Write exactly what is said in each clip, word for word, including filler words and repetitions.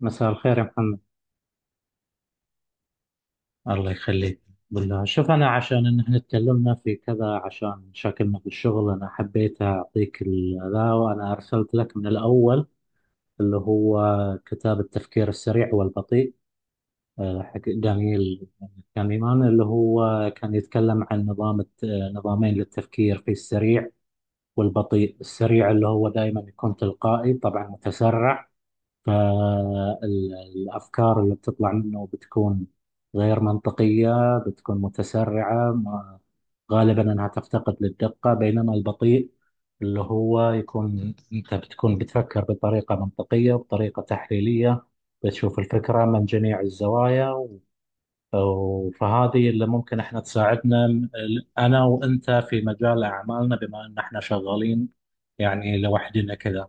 مساء الخير يا محمد. الله يخليك. بالله شوف، أنا عشان إن إحنا اتكلمنا في كذا عشان مشاكلنا في الشغل أنا حبيت أعطيك ال- ذا وأنا أرسلت لك من الأول، اللي هو كتاب التفكير السريع والبطيء، آه، حق دانييل كانيمان، اللي هو كان يتكلم عن نظام الت- آه، نظامين للتفكير: في السريع والبطيء. السريع اللي هو دائما يكون تلقائي، طبعا متسرع، فالأفكار اللي بتطلع منه بتكون غير منطقية، بتكون متسرعة ما- غالبا أنها تفتقد للدقة. بينما البطيء اللي هو يكون أنت بتكون بتفكر بطريقة منطقية وبطريقة تحليلية، بتشوف الفكرة من جميع الزوايا و- و- فهذه اللي ممكن احنا تساعدنا م- ال- أنا وأنت في مجال أعمالنا، بما أن احنا شغالين يعني لوحدنا كذا.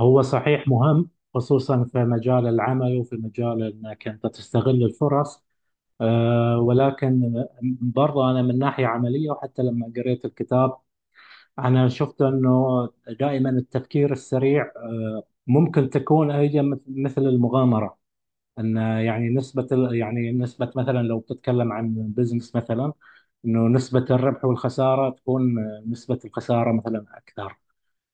هو صحيح مهم، خصوصا في مجال العمل وفي مجال انك انت تستغل الفرص. أه، ولكن برضه انا من ناحيه عمليه، وحتى لما قريت الكتاب انا شفت انه دائما التفكير السريع أه ممكن تكون ايضا مث- مثل المغامره، ان يعني نسبه ال- يعني نسبه، مثلا لو بتتكلم عن بزنس مثلا، انه نسبه الربح والخساره تكون آه، نسبه الخساره مثلا اكثر،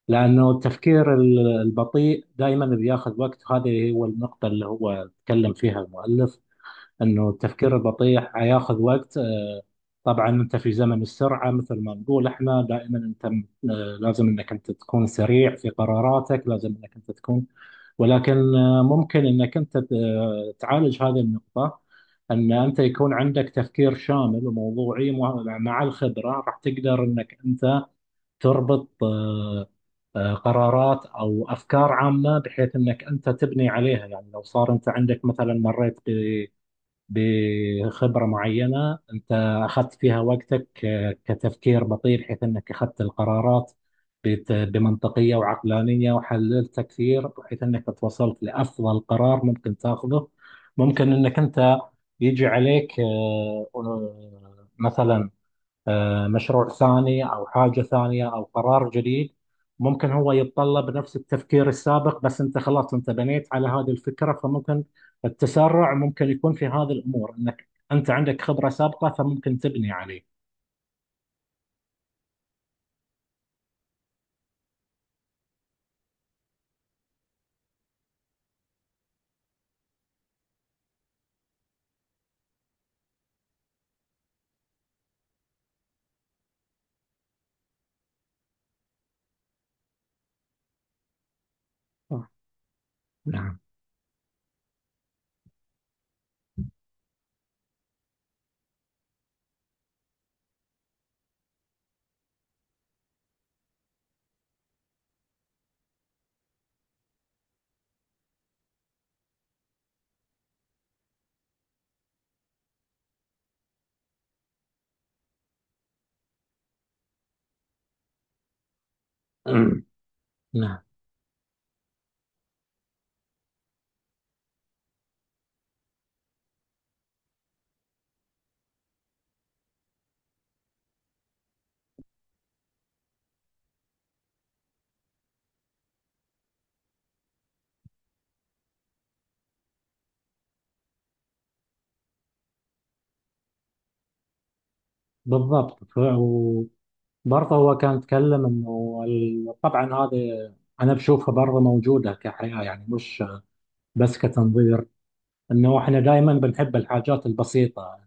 لأنه التفكير ال- البطيء دائما بياخذ وقت، وهذه هو النقطة اللي هو تكلم فيها المؤلف، أنه التفكير البطيء حياخذ وقت. آه، طبعا أنت في زمن السرعة، مثل ما نقول إحنا دائما، أنت م- آه، لازم أنك أنت تكون سريع في قراراتك، لازم أنك أنت تكون، ولكن آه، ممكن أنك أنت ت- آه، تعالج هذه النقطة، أن أنت يكون عندك تفكير شامل وموضوعي، مع مع الخبرة راح تقدر أنك أنت تربط آه، آه، قرارات او افكار عامه، بحيث انك انت تبني عليها. يعني لو صار انت عندك مثلا، مريت ب- بخبره معينه انت اخذت فيها وقتك، آه، كتفكير بطيء، بحيث انك اخذت القرارات بت- بمنطقيه وعقلانيه، وحللت كثير بحيث انك توصلت لافضل قرار ممكن تاخذه، ممكن انك انت يجي عليك آه، آه، مثلا آه، مشروع ثاني أو حاجة ثانية أو قرار جديد، ممكن هو يتطلب نفس التفكير السابق، بس أنت خلاص أنت بنيت على هذه الفكرة، فممكن التسرع ممكن يكون في هذه الأمور، أنك أنت عندك خبرة سابقة فممكن تبني عليه. آه، نعم. نعم. بالضبط. ف- وبرضه هو كان يتكلم انه ال- طبعا هذا، انا بشوفها برضه موجوده كحياه، يعني مش بس كتنظير، انه احنا دائما بنحب الحاجات البسيطه.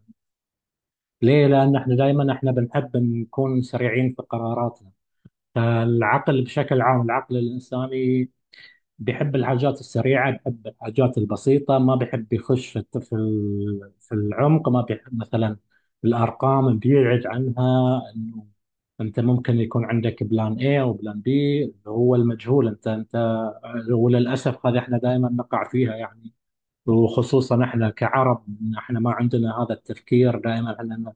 ليه؟ لأن احنا دائما احنا بنحب نكون سريعين في قراراتنا، فالعقل بشكل عام، العقل الإنساني، بيحب الحاجات السريعة، بيحب الحاجات البسيطة، ما بيحب يخش في الت- في ال- في العمق، ما بيحب مثلا الأرقام، بيبعد عنها، إنه أنت ممكن يكون عندك بلان A أو بلان B اللي هو المجهول. أنت أنت وللأسف هذه احنا دائما نقع فيها يعني، وخصوصا احنا كعرب، احنا ما عندنا هذا التفكير، دائما احنا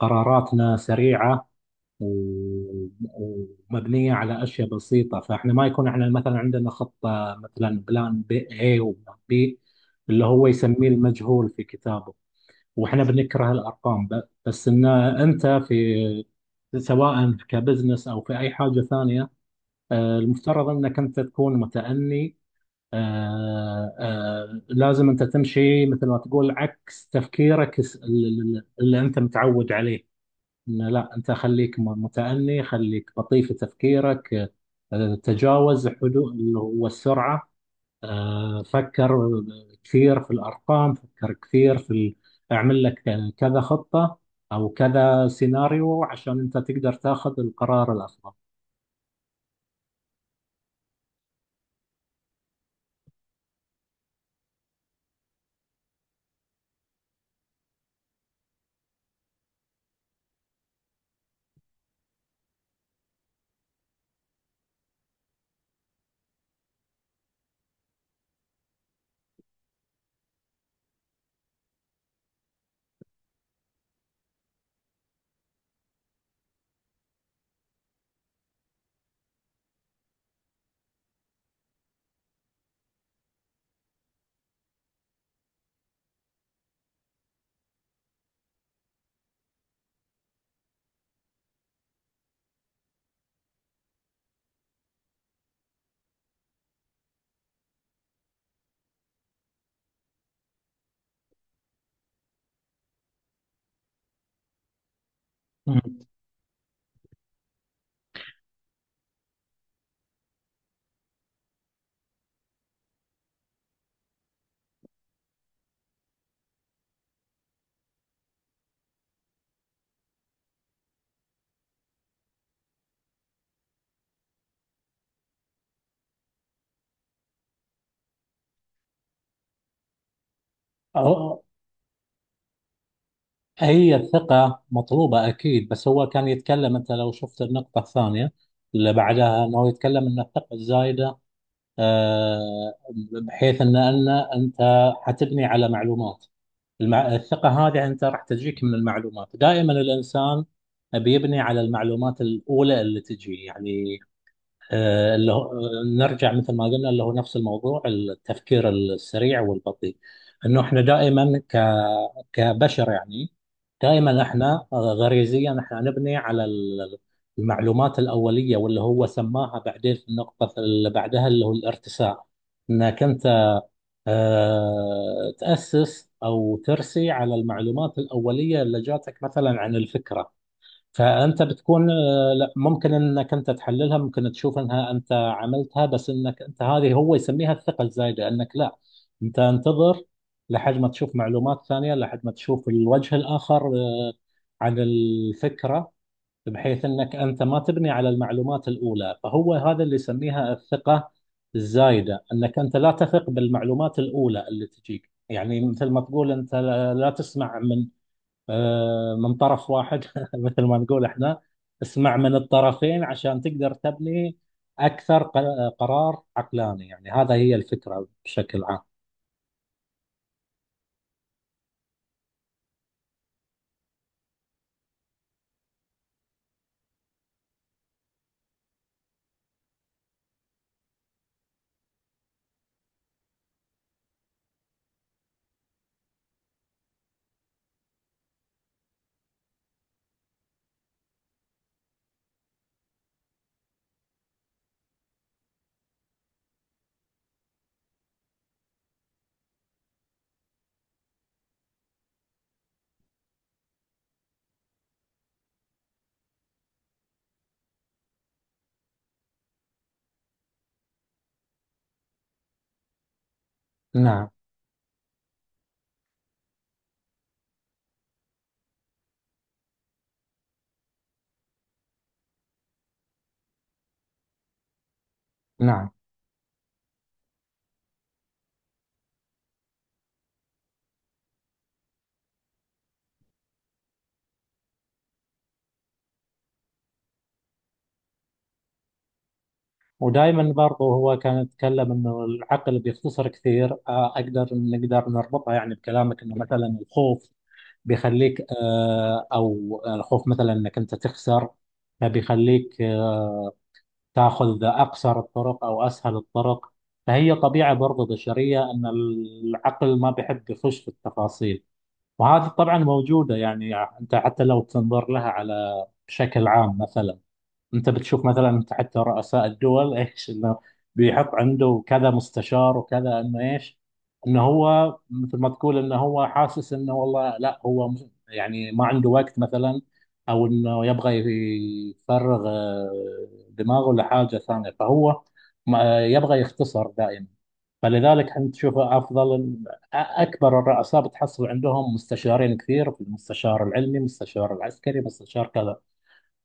قراراتنا سريعة و- ومبنية على أشياء بسيطة. فإحنا ما يكون إحنا مثلا عندنا خطة، مثلا بلان بي A وبلان بي، اللي هو يسميه المجهول في كتابه. وإحنا بنكره الأرقام، ب- بس إن أنت في، سواء كبزنس أو في أي حاجة ثانية، آه، المفترض أنك أنت تكون متأني. آه، آه، لازم أنت تمشي مثل ما تقول عكس تفكيرك الس- اللي اللي- اللي أنت متعود عليه، إن لا، أنت خليك م- متأني، خليك بطيء في تفكيرك، آه، تجاوز حدود اللي هو السرعة. آه، فكر كثير في الأرقام، فكر كثير في ال- اعمل لك كذا خطة أو كذا سيناريو عشان أنت تقدر تاخذ القرار الأفضل. مم. أو- هي الثقة مطلوبة أكيد، بس هو كان يتكلم، أنت لو شفت النقطة الثانية اللي بعدها، أنه يتكلم أن الثقة الزايدة، آه، بحيث ان ان انت حتبني على معلومات. المع... الثقه هذه انت راح تجيك من المعلومات. دائما الانسان بيبني على المعلومات الاولى اللي تجي يعني، آه، اللي هو نرجع مثل ما قلنا، اللي هو نفس الموضوع التفكير السريع والبطيء، انه احنا دائما ك كبشر يعني، دائما احنا آه، غريزيا احنا نبني على ال- المعلومات الاوليه، واللي هو سماها بعدين في النقطه اللي بعدها اللي هو الارتساء، انك انت آه، تاسس او ترسي على المعلومات الاوليه اللي جاتك مثلا عن الفكره، فانت بتكون آه، لا ممكن انك انت تحللها، ممكن تشوف انها انت عملتها، بس انك انت، هذه هو يسميها الثقه الزايده، انك لا، انت انتظر لحد ما تشوف معلومات ثانيه، لحد ما تشوف الوجه الاخر آه، عن الفكره، بحيث انك انت ما تبني على المعلومات الاولى. فهو هذا اللي يسميها الثقه الزايده، انك انت لا تثق بالمعلومات الاولى اللي تجيك، يعني مثل ما تقول انت، لا لا تسمع من آه، من طرف واحد، مثل ما نقول احنا، اسمع من الطرفين عشان تقدر تبني أكثر ق- قرار عقلاني يعني. هذا هي الفكرة بشكل عام. نعم. نعم. ودائما برضو هو كان يتكلم انه العقل بيختصر كثير. آه، اقدر نقدر نربطها يعني بكلامك، انه مثلا الخوف بيخليك آه، او الخوف مثلا انك انت تخسر، فبيخليك آه، تاخذ أقصر الطرق أو أسهل الطرق. فهي طبيعة برضه بشرية، أن العقل ما بيحب يخش في التفاصيل. وهذه طبعا موجودة يعني، يعني أنت حتى لو تنظر لها على بشكل عام مثلا، انت بتشوف مثلا، انت حتى رؤساء الدول ايش، انه بيحط عنده كذا مستشار وكذا، انه ايش، انه هو مثل ما تقول انه هو حاسس، انه والله لا، هو م- يعني ما عنده وقت مثلا، او انه يبغى يفرغ آه، دماغه لحاجه ثانيه، فهو ما- آه، يبغى يختصر دائما. فلذلك انت تشوف افضل أ- اكبر الرؤساء بتحصل عندهم مستشارين كثير: مستشار العلمي، مستشار العسكري، مستشار كذا.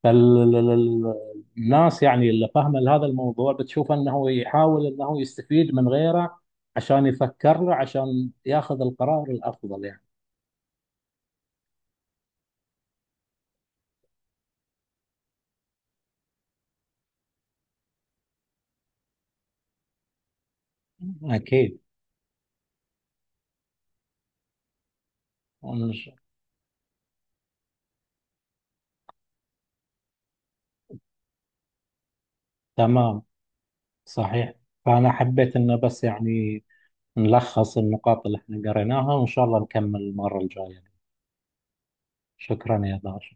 فالناس يعني اللي فاهمه هذا الموضوع بتشوف انه يحاول انه يستفيد من غيره عشان يفكر له، عشان ياخذ القرار الافضل يعني. اكيد. ونش- تمام. صحيح. فانا حبيت انه بس يعني نلخص النقاط اللي احنا قريناها، وان شاء الله نكمل المره الجايه. شكرا يا باشا.